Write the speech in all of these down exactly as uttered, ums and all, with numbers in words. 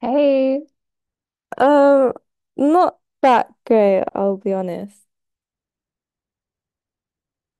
Hey, Um, not that great, I'll be honest.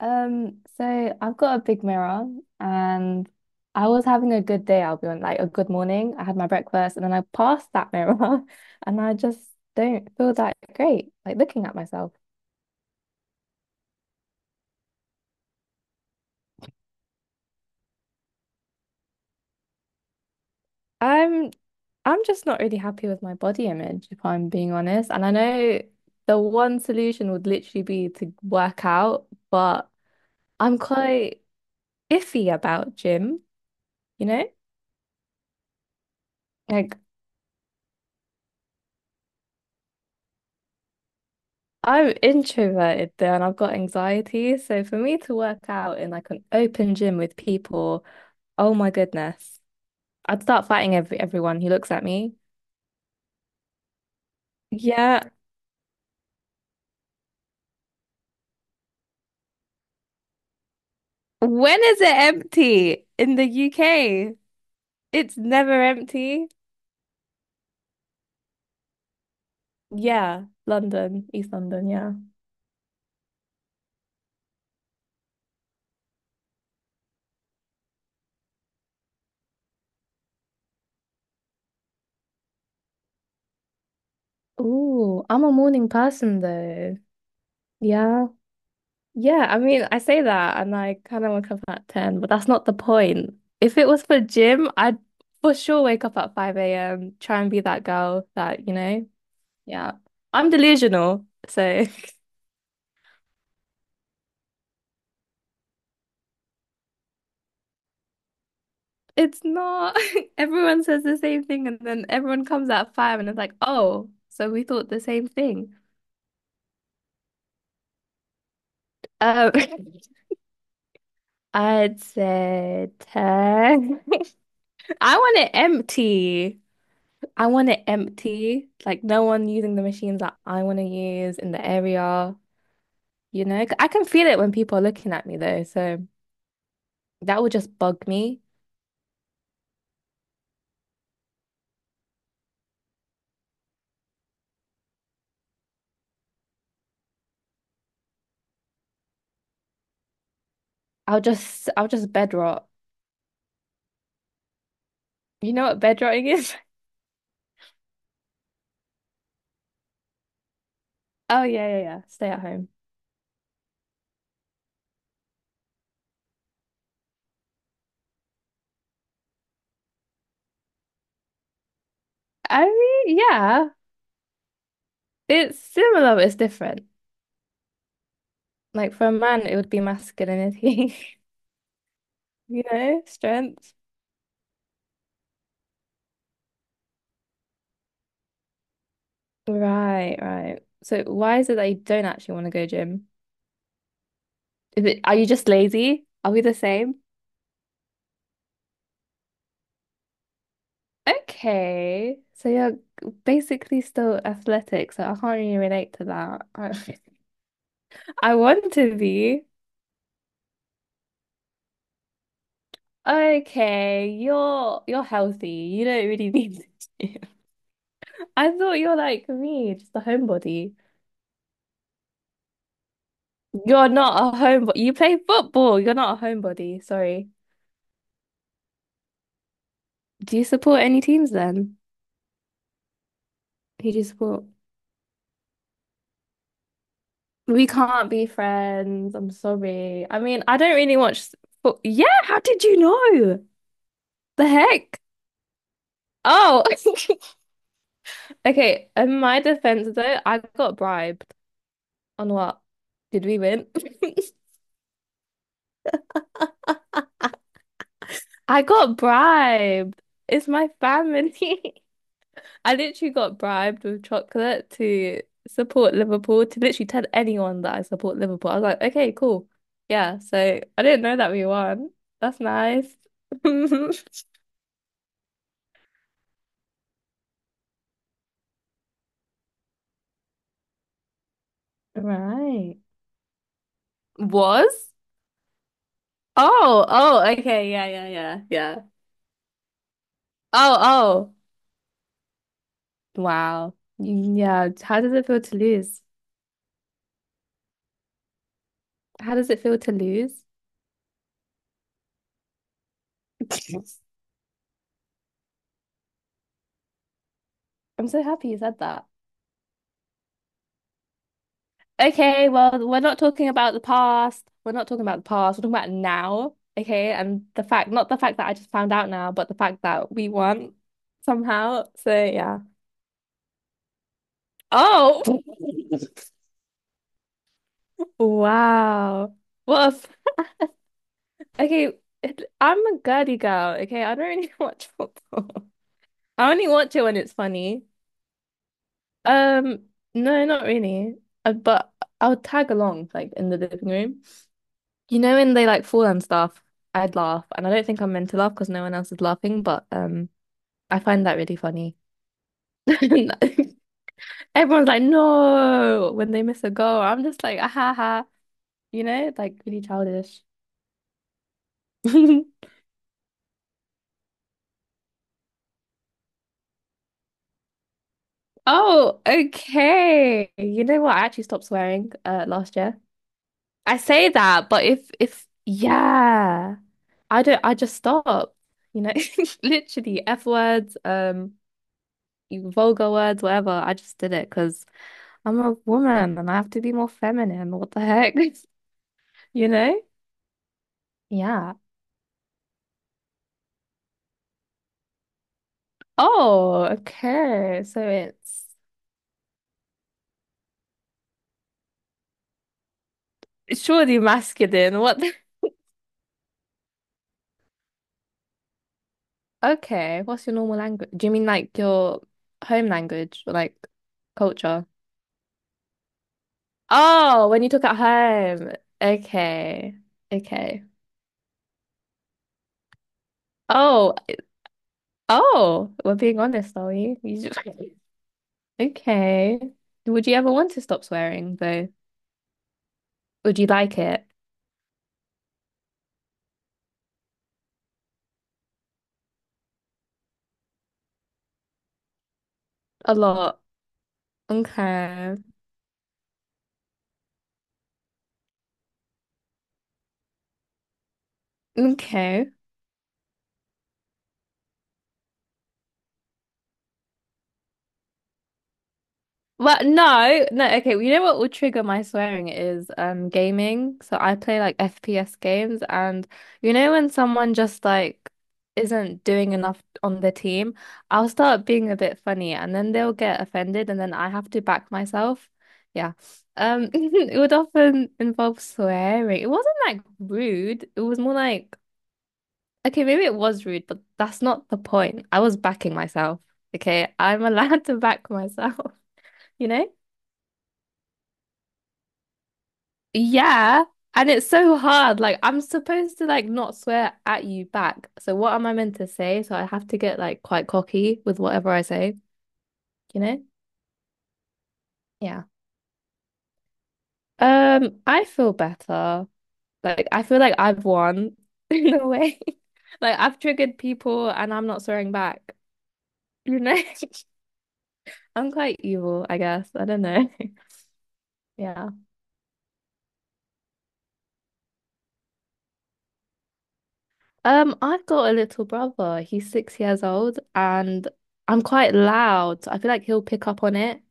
um, so I've got a big mirror and I was having a good day, I'll be on like a good morning. I had my breakfast and then I passed that mirror and I just don't feel that great, like looking at myself. I'm I'm just not really happy with my body image, if I'm being honest. And I know the one solution would literally be to work out, but I'm quite iffy about gym, you know? Like I'm introverted though, and I've got anxiety. So for me to work out in like an open gym with people, oh my goodness, I'd start fighting every everyone who looks at me. Yeah. When is it empty in the U K? It's never empty. Yeah, London, East London, yeah. Ooh, I'm a morning person though. Yeah. Yeah, I mean, I say that and I kind of wake up at ten, but that's not the point. If it was for gym, I'd for sure wake up at five a m, try and be that girl that, you know, yeah. I'm delusional, so it's not everyone says the same thing and then everyone comes at five and it's like, "Oh, so we thought the same thing." Um, I'd say ten. I want it empty. I want it empty, like no one using the machines that I want to use in the area, you know? 'Cause I can feel it when people are looking at me though, so that would just bug me. I'll just I'll just bed rot. You know what bed rotting is? Oh yeah, yeah, yeah. Stay at home. I mean, yeah, it's similar, but it's different. Like for a man, it would be masculinity, you know, strength. Right, right. So why is it that you don't actually want to go gym? Is it, are you just lazy? Are we the same? Okay. So you're basically still athletic, so I can't really relate to that. I, I want to be. Okay, you're you're healthy. You don't really need to gym. I thought you're like me, just a homebody. You're not a homebody. You play football. You're not a homebody. Sorry. Do you support any teams then? Who do you support? We can't be friends. I'm sorry. I mean, I don't really watch football. Yeah, how did you know? The heck? Oh, okay, in my defense though, I got bribed. On what? Did we win? I got bribed. It's my family. I literally got bribed with chocolate to support Liverpool, to literally tell anyone that I support Liverpool. I was like, okay, cool. Yeah, so I didn't know that we won. That's nice. Right. Was? Oh, oh, okay. Yeah, yeah, yeah, yeah. Oh, oh. Wow. Yeah. How does it feel to lose? How does it feel to lose? I'm so happy you said that. Okay, well, we're not talking about the past. We're not talking about the past. We're talking about now. Okay, and the fact, not the fact that I just found out now, but the fact that we won somehow. So yeah. Oh, wow. Well, if- okay, it, I'm a girly girl. Okay, I don't really watch football. I only watch it when it's funny. Um, no, not really. Uh, but I'll tag along, like in the living room. You know when they like fall and stuff, I'd laugh, and I don't think I'm meant to laugh because no one else is laughing, but um, I find that really funny. Everyone's like, no, when they miss a goal, I'm just like, ah, ha, ha, you know, like really childish. Oh, okay. You know what? I actually stopped swearing uh last year. I say that, but if if yeah, I don't. I just stopped. You know, literally F words, um, vulgar words, whatever. I just did it because. I'm a woman and I have to be more feminine. What the heck? You know? Yeah. Oh, okay. So it's it's surely masculine. What the... Okay. What's your normal language? Do you mean like your home language or like culture? Oh, when you talk at home. Okay. Okay. Oh, oh, we're being honest, are we? You just... Okay. Would you ever want to stop swearing though? Would you like it? A lot. Okay. Okay. Well, no, no, okay. Well, you know what will trigger my swearing is um gaming. So I play like F P S games and you know when someone just like isn't doing enough on the team, I'll start being a bit funny and then they'll get offended and then I have to back myself. Yeah. Um it would often involve swearing. It wasn't like rude. It was more like okay, maybe it was rude, but that's not the point. I was backing myself. Okay, I'm allowed to back myself, you know? Yeah. And it's so hard. Like I'm supposed to like not swear at you back. So what am I meant to say? So I have to get like quite cocky with whatever I say, you know? Yeah. Um, I feel better. Like I feel like I've won in a way. Like I've triggered people and I'm not swearing back, you know? I'm quite evil, I guess. I don't know. Yeah. Um, I've got a little brother. He's six years old and I'm quite loud. I feel like he'll pick up on it.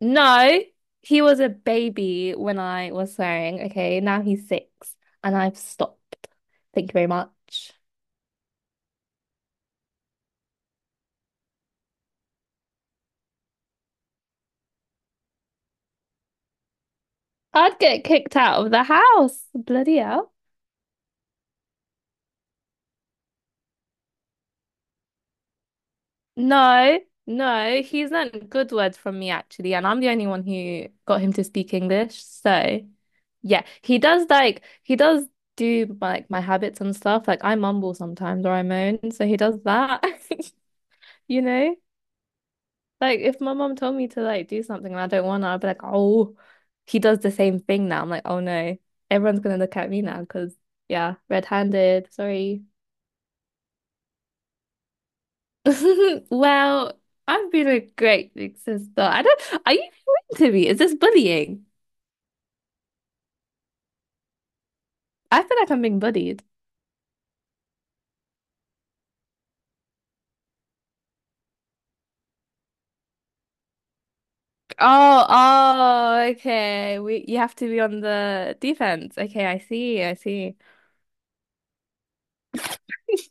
No, he was a baby when I was swearing. Okay, now he's six and I've stopped. Thank you very much. I'd get kicked out of the house. Bloody hell. No, no, he's learned good words from me actually, and I'm the only one who got him to speak English. So, yeah, he does like he does do like my habits and stuff. Like I mumble sometimes or I moan, so he does that, you know? Like if my mom told me to like do something and I don't want to, I'd be like, oh, he does the same thing now. I'm like, oh no, everyone's gonna look at me now because yeah, red-handed. Sorry. Well, I've been a great big sister. I don't. Are you mean to me? Is this bullying? I feel like I'm being bullied. Oh, oh, okay. We you have to be on the defense. Okay, I see. I see.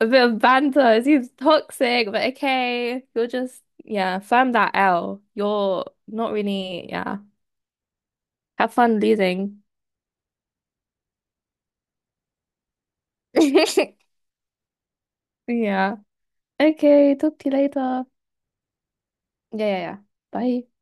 A bit of banter. It seems toxic, but okay. You're just, yeah, firm that L. You're not really, yeah. Have fun losing. Yeah. Okay, talk to you later. Yeah, yeah, yeah. Bye.